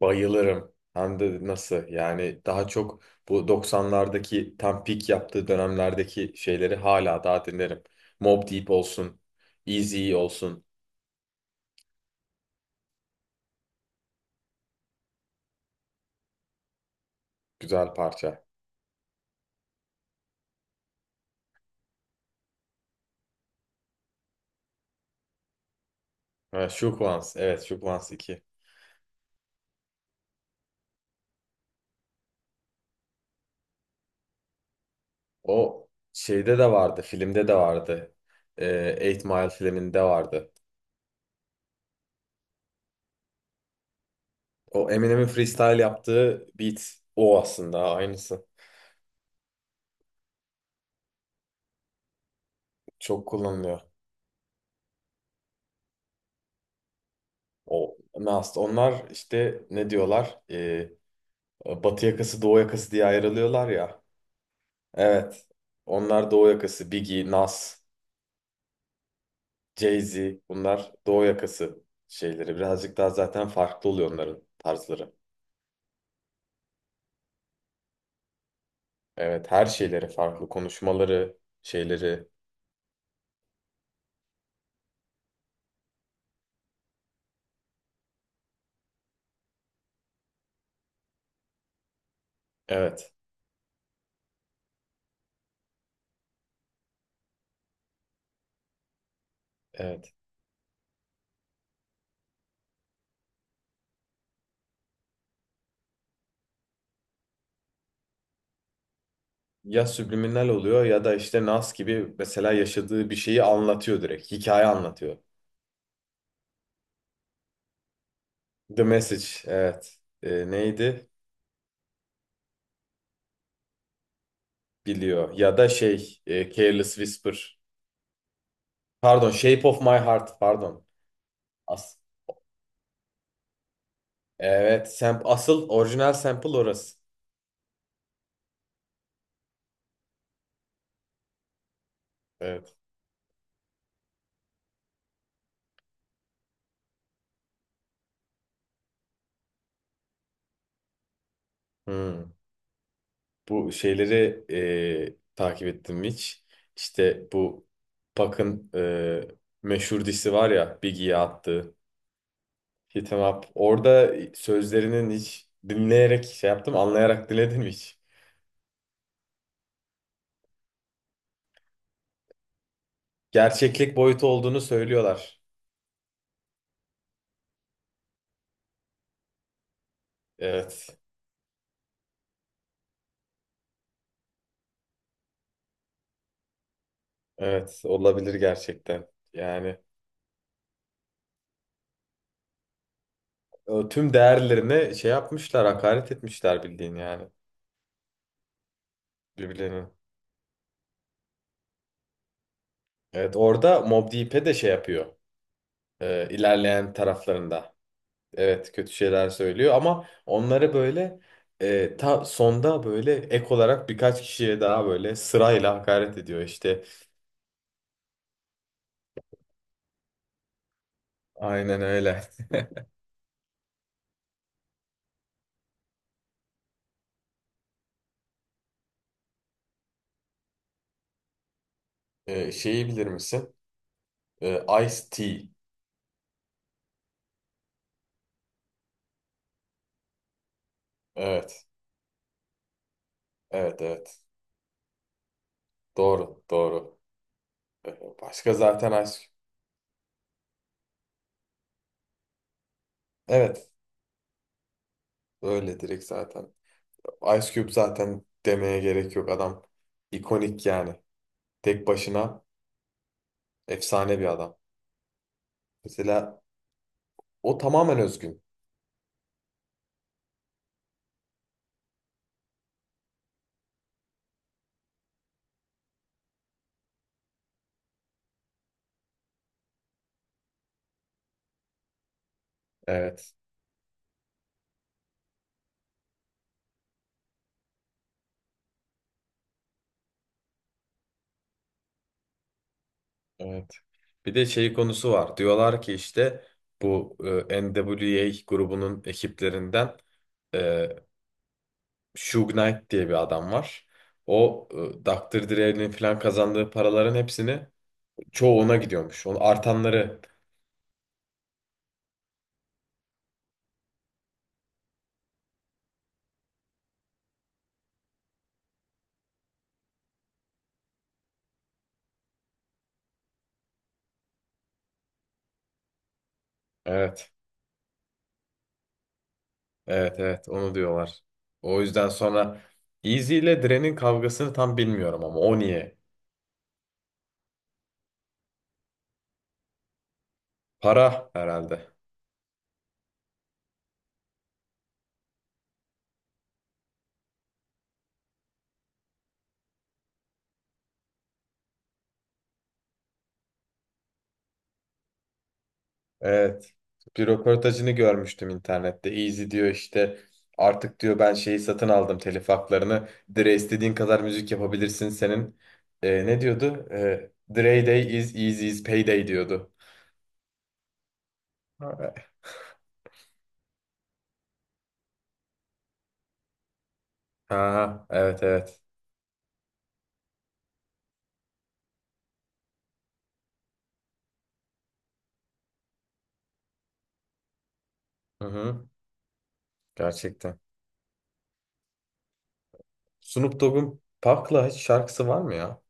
Bayılırım. Hem de nasıl yani daha çok bu doksanlardaki tam peak yaptığı dönemlerdeki şeyleri hala daha dinlerim. Mobb Deep olsun, Eazy olsun. Güzel parça. Ha, Shook Ones, evet Shook Ones iki. O şeyde de vardı, filmde de vardı. Eight Mile filminde vardı. O Eminem'in freestyle yaptığı beat o aslında aynısı. Çok kullanılıyor. O Nas. Onlar işte ne diyorlar? Batı yakası, Doğu yakası diye ayrılıyorlar ya. Evet. Onlar Doğu yakası. Biggie, Nas, Jay-Z bunlar Doğu yakası şeyleri. Birazcık daha zaten farklı oluyor onların tarzları. Evet, her şeyleri farklı. Konuşmaları, şeyleri. Evet, evet. Ya subliminal oluyor ya da işte Nas gibi mesela yaşadığı bir şeyi anlatıyor direkt. Hikaye anlatıyor. The Message, evet. Neydi? Biliyor. Ya da şey, Careless Whisper. Pardon, Shape of My Heart, pardon. As Evet, asıl orijinal sample orası. Evet. Hmm. Bu şeyleri takip ettim hiç. İşte bu Puck'ın meşhur disi var ya Biggie'ye attığı Hit 'em Up. Orada sözlerinin hiç dinleyerek şey yaptım, anlayarak dinledim hiç. Gerçeklik boyutu olduğunu söylüyorlar. Evet. Evet, olabilir gerçekten. Yani tüm değerlerine şey yapmışlar, hakaret etmişler bildiğin yani birbirlerine. Evet orada Mobb Deep'e de şey yapıyor. İlerleyen taraflarında. Evet kötü şeyler söylüyor ama onları böyle ta sonda böyle ek olarak birkaç kişiye daha böyle sırayla hakaret ediyor işte. Aynen öyle. Şeyi bilir misin? Ice-T. Evet. Evet evet. Doğru doğru. Başka zaten Ice Cube. Evet öyle direkt zaten. Ice Cube zaten demeye gerek yok adam. İkonik yani. Tek başına efsane bir adam. Mesela o tamamen özgün. Evet, evet. Bir de şey konusu var. Diyorlar ki işte bu NWA grubunun ekiplerinden e, Suge Knight diye bir adam var. O Dr. Dre'nin falan kazandığı paraların hepsini çoğu ona gidiyormuş. Onu artanları. Evet, evet, evet. Onu diyorlar. O yüzden sonra Easy ile Dre'nin kavgasını tam bilmiyorum ama o niye? Para herhalde. Evet. Bir röportajını görmüştüm internette. Easy diyor işte artık diyor ben şeyi satın aldım telif haklarını. Dre istediğin kadar müzik yapabilirsin senin. Ne diyordu? Dre Day is Easy's payday diyordu. Ha, evet evet. Hı hı. Gerçekten. Snoop Dogg'un Park'la hiç şarkısı var mı ya?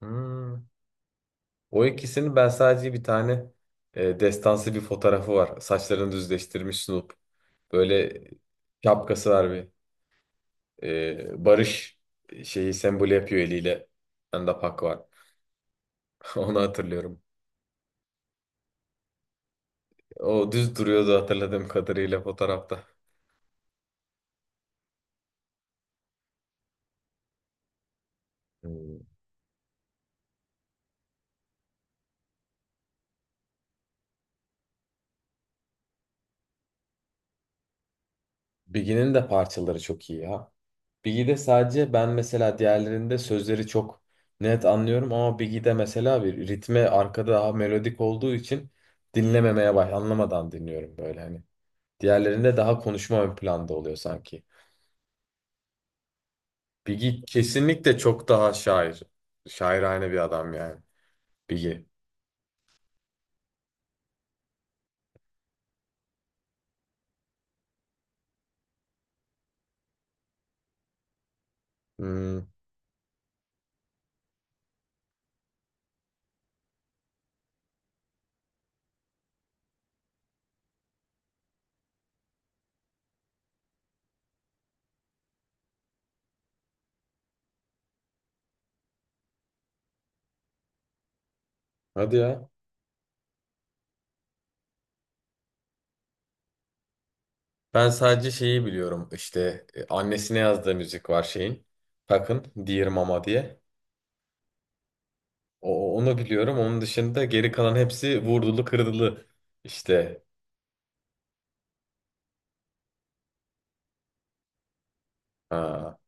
Hmm. O ikisinin ben sadece bir tane destansı bir fotoğrafı var. Saçlarını düzleştirmiş Snoop. Böyle şapkası var bir. Barış şeyi sembol yapıyor eliyle. Bende Pak var. Onu hatırlıyorum. O düz duruyordu hatırladığım kadarıyla fotoğrafta. Hmm. Biggie'nin de parçaları çok iyi ya. Biggie'de sadece ben mesela diğerlerinde sözleri çok net anlıyorum ama Biggie'de mesela bir ritme arkada daha melodik olduğu için dinlememeye anlamadan dinliyorum böyle hani. Diğerlerinde daha konuşma ön planda oluyor sanki. Biggie kesinlikle çok daha şair. Şairane bir adam yani. Biggie. Hmm, hadi ya. Ben sadece şeyi biliyorum işte annesine yazdığı müzik var şeyin. Takın Dear Mama diye. Onu biliyorum. Onun dışında geri kalan hepsi vurdulu kırdılı. İşte ha,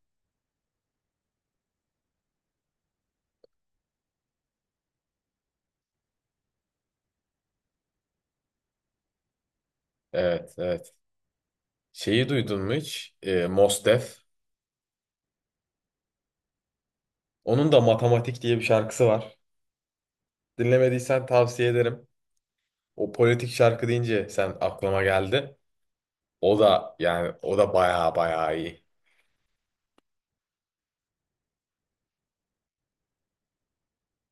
evet evet. Şeyi duydun mu hiç? Mos Def. Onun da Matematik diye bir şarkısı var. Dinlemediysen tavsiye ederim. O politik şarkı deyince sen aklıma geldi. O da yani o da baya baya iyi.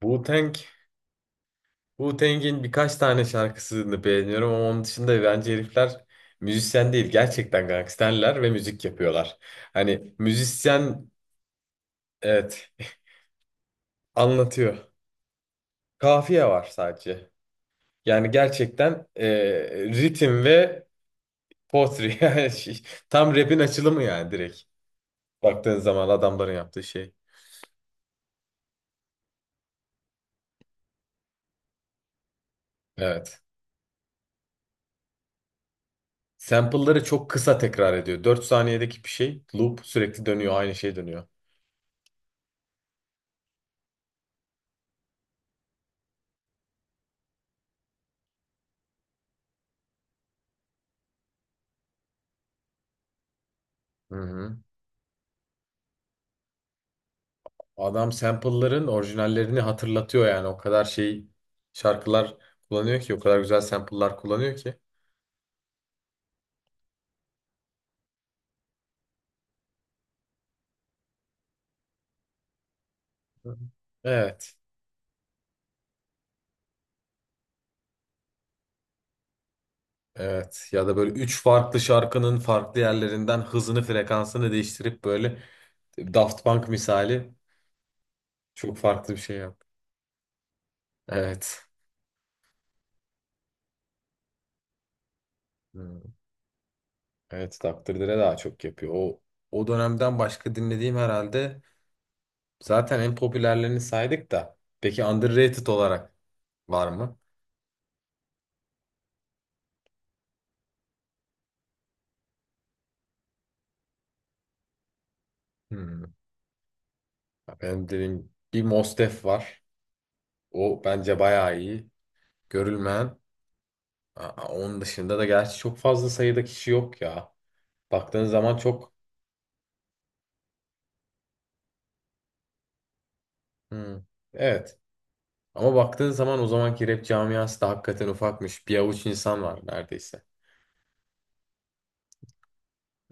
wu Wu-Tang'in birkaç tane şarkısını beğeniyorum ama onun dışında bence herifler müzisyen değil. Gerçekten gangsterler ve müzik yapıyorlar. Hani müzisyen, evet, anlatıyor. Kafiye var sadece. Yani gerçekten ritim ve potri. Yani tam rap'in açılımı yani direkt. Baktığın zaman adamların yaptığı şey. Evet. Sample'ları çok kısa tekrar ediyor. 4 saniyedeki bir şey loop sürekli dönüyor. Aynı şey dönüyor. Hı hı. Adam sample'ların orijinallerini hatırlatıyor yani. O kadar şey şarkılar kullanıyor ki, o kadar güzel sample'lar kullanıyor ki. Hı hı. Evet. Evet. Ya da böyle üç farklı şarkının farklı yerlerinden hızını, frekansını değiştirip böyle Daft Punk misali çok farklı bir şey yap. Evet. Hı. Evet, Dr. Dre daha çok yapıyor. O dönemden başka dinlediğim herhalde zaten en popülerlerini saydık da. Peki underrated olarak var mı? Hı. Ben dedim bir Mostef var. O bence bayağı iyi. Görülmeyen. Aa, onun dışında da gerçi çok fazla sayıda kişi yok ya. Baktığın zaman çok... Hmm, evet. Ama baktığın zaman o zamanki rap camiası da hakikaten ufakmış. Bir avuç insan var neredeyse.